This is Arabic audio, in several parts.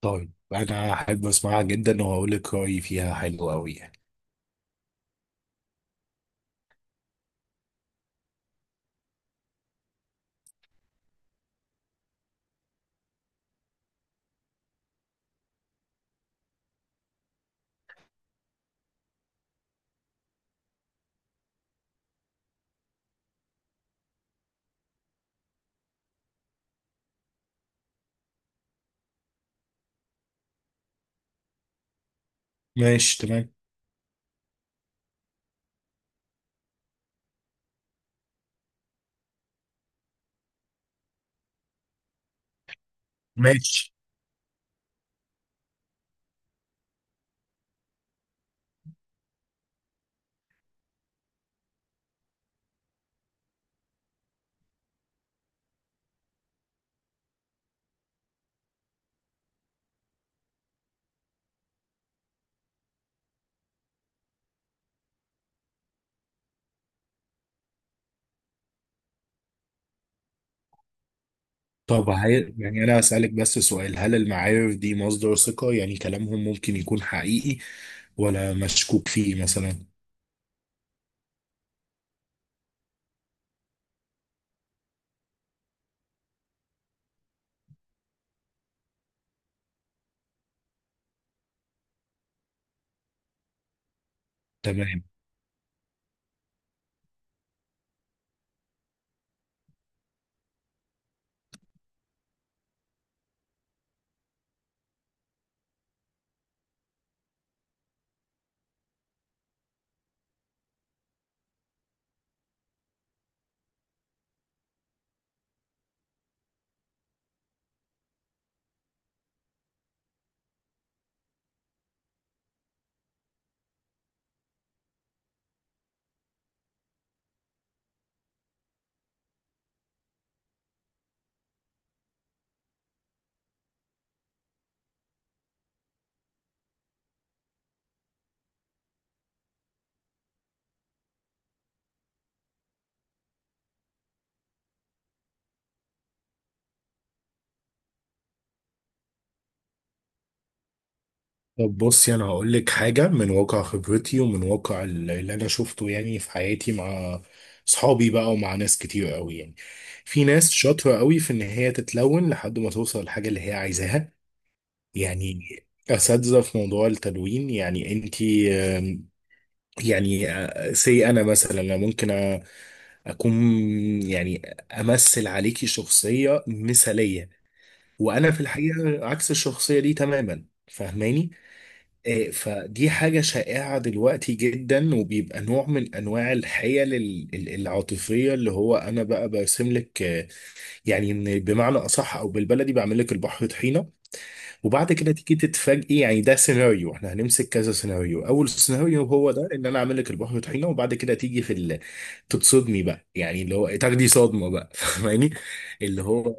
طيب، انا احب اسمعها جدا وهقول لك رايي فيها حلو قوي يعني. ماشي تمام. ماشي. يعني انا هسألك بس سؤال، هل المعارف دي مصدر ثقة؟ يعني كلامهم ممكن يكون حقيقي ولا مشكوك فيه مثلا؟ تمام. طب بصي، انا هقول لك حاجة من واقع خبرتي ومن واقع اللي انا شفته يعني في حياتي، مع صحابي بقى ومع ناس كتير قوي يعني. في ناس شاطرة قوي في ان هي تتلون لحد ما توصل للحاجة اللي هي عايزاها، يعني اساتذه في موضوع التدوين. يعني انت، يعني سي انا مثلا، أنا ممكن أ- اكون يعني امثل عليكي شخصيه مثاليه، وانا في الحقيقه عكس الشخصيه دي تماما، فاهماني؟ فدي حاجه شائعه دلوقتي جدا، وبيبقى نوع من انواع الحيل العاطفيه، اللي هو انا بقى برسم لك، يعني إن بمعنى اصح او بالبلدي بعمل لك البحر طحينه، وبعد كده تيجي تتفاجئي. يعني ده سيناريو، احنا هنمسك كذا سيناريو. اول سيناريو هو ده، ان انا اعمل لك البحر طحينه وبعد كده تيجي تتصدمي بقى، يعني اللي هو تاخدي صدمه بقى فاهماني؟ اللي هو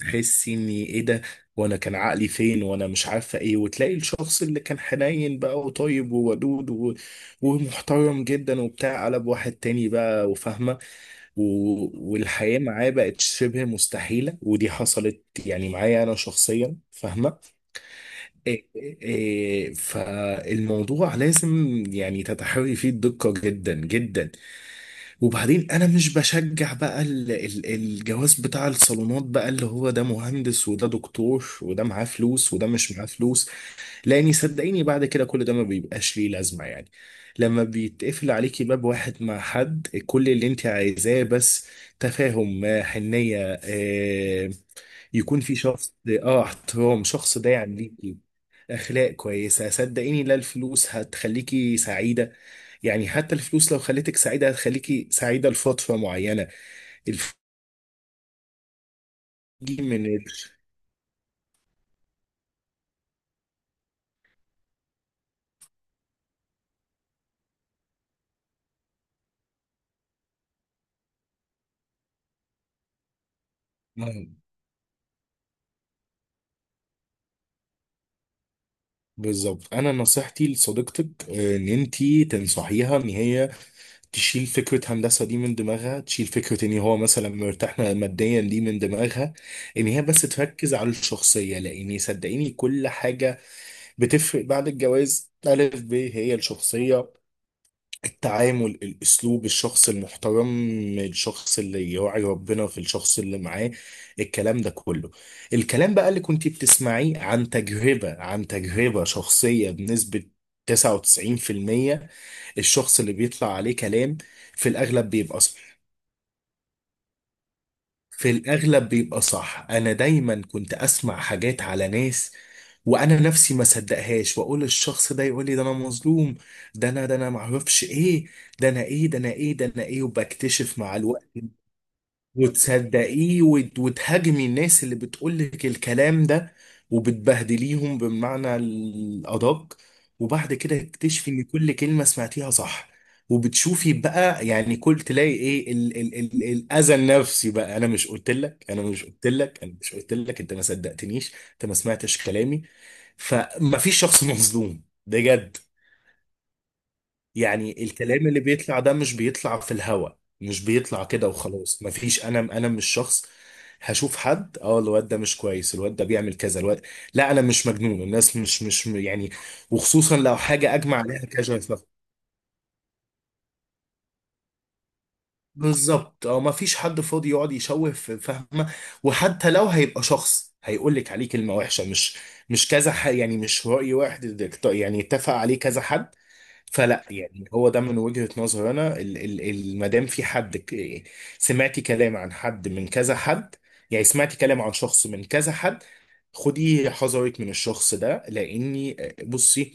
تحسي ان ايه ده، وانا كان عقلي فين، وانا مش عارفه ايه، وتلاقي الشخص اللي كان حنين بقى وطيب وودود ومحترم جدا وبتاع، قلب واحد تاني بقى، وفاهمه، والحياة معاه بقت شبه مستحيلة. ودي حصلت يعني معايا أنا شخصيا، فاهمة؟ إيه- إيه، إيه، فالموضوع لازم يعني تتحري فيه الدقة جدا جدا. وبعدين انا مش بشجع بقى الجواز بتاع الصالونات بقى، اللي هو ده مهندس وده دكتور وده معاه فلوس وده مش معاه فلوس، لاني صدقيني بعد كده كل ده ما بيبقاش ليه لازمة يعني. لما بيتقفل عليكي باب واحد مع حد، كل اللي انت عايزاه بس تفاهم، حنية، يكون في شخص، اه احترام، شخص داعم ليكي، اخلاق كويسه. صدقيني، لا، الفلوس هتخليكي سعيده، يعني حتى الفلوس لو خلتك سعيده هتخليكي سعيده لفتره معينه. الفلوس دي من آه، بالظبط. انا نصيحتي لصديقتك، ان انتي تنصحيها ان هي تشيل فكره هندسه دي من دماغها، تشيل فكره ان هو مثلا مرتاح ماديا دي من دماغها، ان هي بس تركز على الشخصيه، لان صدقيني كل حاجه بتفرق بعد الجواز. ألف ب هي الشخصيه، التعامل، الاسلوب، الشخص المحترم، الشخص اللي يراعي ربنا في الشخص اللي معاه، الكلام ده كله. الكلام بقى اللي كنت بتسمعيه عن تجربة شخصية بنسبة 99%، الشخص اللي بيطلع عليه كلام في الأغلب بيبقى، في الأغلب بيبقى صح. أنا دايما كنت أسمع حاجات على ناس وأنا نفسي ما صدقهاش، وأقول الشخص ده يقول لي ده أنا مظلوم، ده أنا معرفش إيه، ده أنا إيه، ده أنا إيه، ده أنا إيه. وبكتشف مع الوقت وتصدقيه وتهاجمي الناس اللي بتقولك الكلام ده وبتبهدليهم بمعنى الأدق، وبعد كده تكتشفي إن كل كلمة سمعتيها صح. وبتشوفي بقى، يعني كل تلاقي ايه ال ال ال الاذى النفسي بقى. انا مش قلت لك انا مش قلت لك انا مش قلت لك، انت ما صدقتنيش، انت ما سمعتش كلامي. فما فيش شخص مظلوم بجد، يعني الكلام اللي بيطلع ده مش بيطلع في الهوا، مش بيطلع كده وخلاص، مفيش. انا مش شخص هشوف حد الواد ده مش كويس، الواد ده بيعمل كذا، لا، انا مش مجنون. الناس مش يعني، وخصوصا لو حاجه اجمع عليها كذا شخص. بالظبط، مفيش حد فاضي يقعد يشوه في، فاهمه؟ وحتى لو هيبقى شخص هيقول لك عليه كلمه وحشه، مش كذا حد يعني، مش راي واحد، يعني اتفق عليه كذا حد. فلا، يعني هو ده من وجهة نظري انا، ما دام في حد سمعتي كلام عن حد من كذا حد، يعني سمعتي كلام عن شخص من كذا حد، خدي حذرك من الشخص ده، لاني بصي،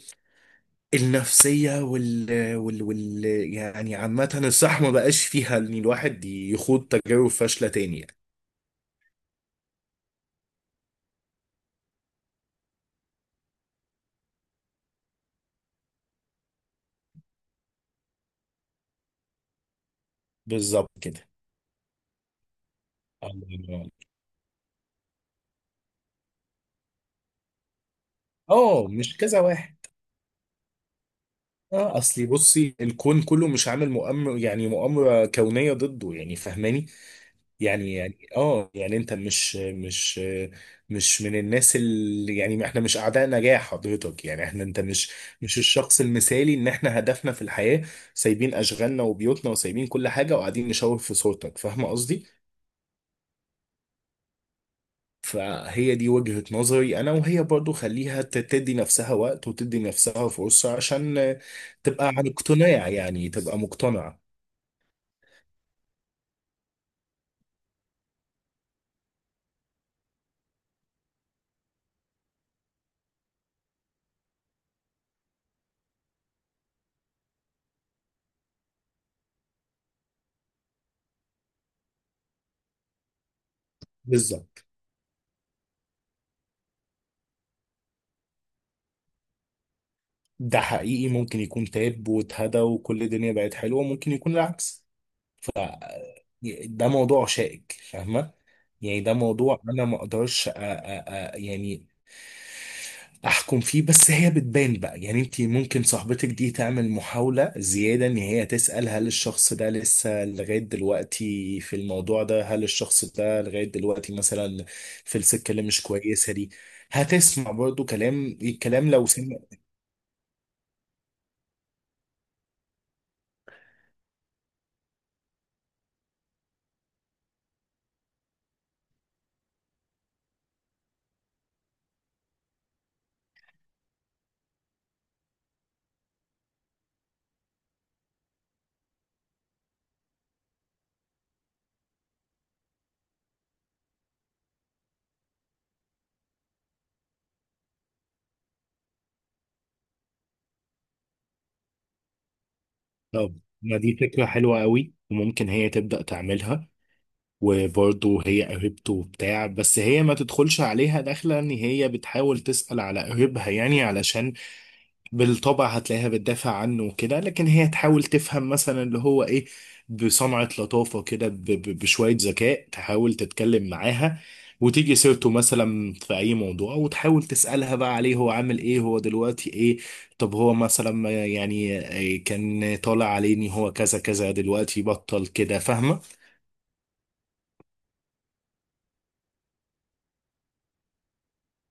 النفسية وال, وال, وال يعني عامة الصح ما بقاش فيها ان الواحد يخوض تجارب فاشلة تاني يعني. بالظبط كده، الله ينور عليك. اه، مش كذا واحد. اه، اصلي بصي، الكون كله مش عامل مؤامرة، يعني مؤامرة كونية ضده، يعني فاهماني؟ يعني يعني انت مش من الناس، اللي يعني احنا مش اعداء نجاح حضرتك يعني، احنا انت مش الشخص المثالي، ان احنا هدفنا في الحياة سايبين اشغالنا وبيوتنا وسايبين كل حاجة وقاعدين نشاور في صورتك، فاهم قصدي؟ فهي دي وجهة نظري انا، وهي برضو خليها تدي نفسها وقت وتدي نفسها فرصة عشان تبقى عن اقتناع، يعني تبقى مقتنع. بالظبط. ده حقيقي ممكن يكون تاب واتهدى وكل الدنيا بقت حلوة، ممكن يكون العكس. ده موضوع شائك، فاهمة؟ يعني ده موضوع انا ما اقدرش يعني احكم فيه، بس هي بتبان بقى. يعني انت ممكن، صاحبتك دي تعمل محاولة زيادة ان هي تسأل، هل الشخص ده لسه لغاية دلوقتي في الموضوع ده، هل الشخص ده لغاية دلوقتي مثلا في السكة اللي مش كويسة دي؟ هتسمع برضو الكلام لو سمع. طب ما دي فكرة حلوة قوي، وممكن هي تبدأ تعملها. وبرضه هي قريبته وبتاع، بس هي ما تدخلش عليها داخلة ان هي بتحاول تسأل على قريبها، يعني علشان بالطبع هتلاقيها بتدافع عنه وكده، لكن هي تحاول تفهم مثلا اللي هو ايه، بصنعة لطافة كده، بشوية ذكاء تحاول تتكلم معاها، وتيجي سيرته مثلا في اي موضوع، وتحاول تسألها بقى عليه هو عامل ايه، هو دلوقتي ايه. طب هو مثلا، ما يعني كان طالع عليه ان هو كذا كذا دلوقتي بطل كده، فاهمة؟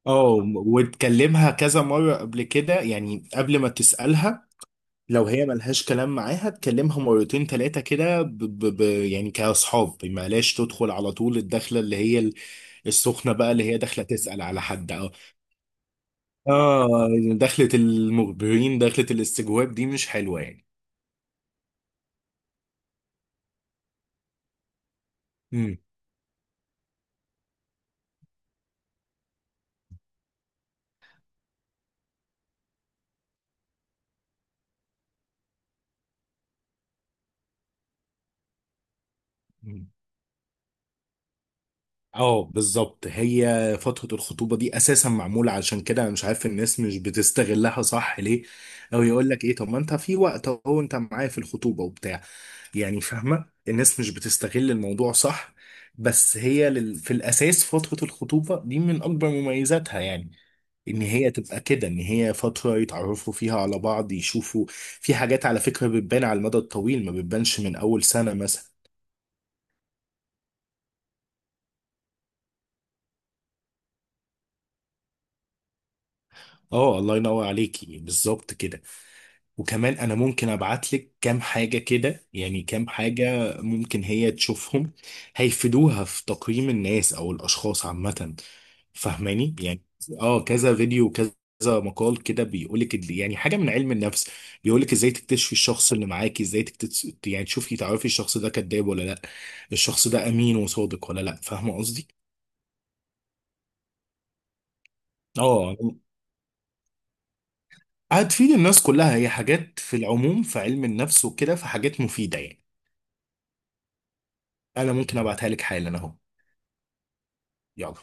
اه، وتكلمها كذا مرة قبل كده، يعني قبل ما تسألها، لو هي ملهاش كلام معاها تكلمها مرتين تلاتة كده، يعني كأصحاب، ما لاش تدخل على طول الدخلة اللي هي السخنة بقى، اللي هي داخلة تسأل على حد. اه. اه، دخلة المخبرين، دخلة الاستجواب دي مش حلوة يعني. مم. اه، بالظبط. هي فترة الخطوبة دي اساسا معمولة علشان كده، انا مش عارف الناس مش بتستغلها صح ليه. او يقول لك ايه، طب ما انت في وقت اهو، انت معايا في الخطوبة وبتاع، يعني فاهمة، الناس مش بتستغل الموضوع صح. بس هي في الاساس فترة الخطوبة دي من اكبر مميزاتها، يعني ان هي تبقى كده، ان هي فترة يتعرفوا فيها على بعض، يشوفوا. في حاجات على فكرة بتبان على المدى الطويل، ما بتبانش من اول سنة مثلا. اه، الله ينور عليكي، بالظبط كده. وكمان انا ممكن ابعت لك كام حاجة كده، يعني كام حاجة ممكن هي تشوفهم هيفيدوها في تقييم الناس او الاشخاص عامة، فاهماني يعني؟ اه، كذا فيديو وكذا مقال كده بيقولك يعني حاجة من علم النفس، بيقولك ازاي تكتشفي الشخص اللي معاكي، ازاي تكتشفي، يعني تشوفي تعرفي الشخص ده كذاب ولا لا، الشخص ده امين وصادق ولا لا، فاهمة قصدي؟ اه، هتفيد الناس كلها، هي حاجات في العموم في علم النفس وكده، فحاجات مفيدة يعني. انا ممكن ابعتها لك حالا اهو. يلا.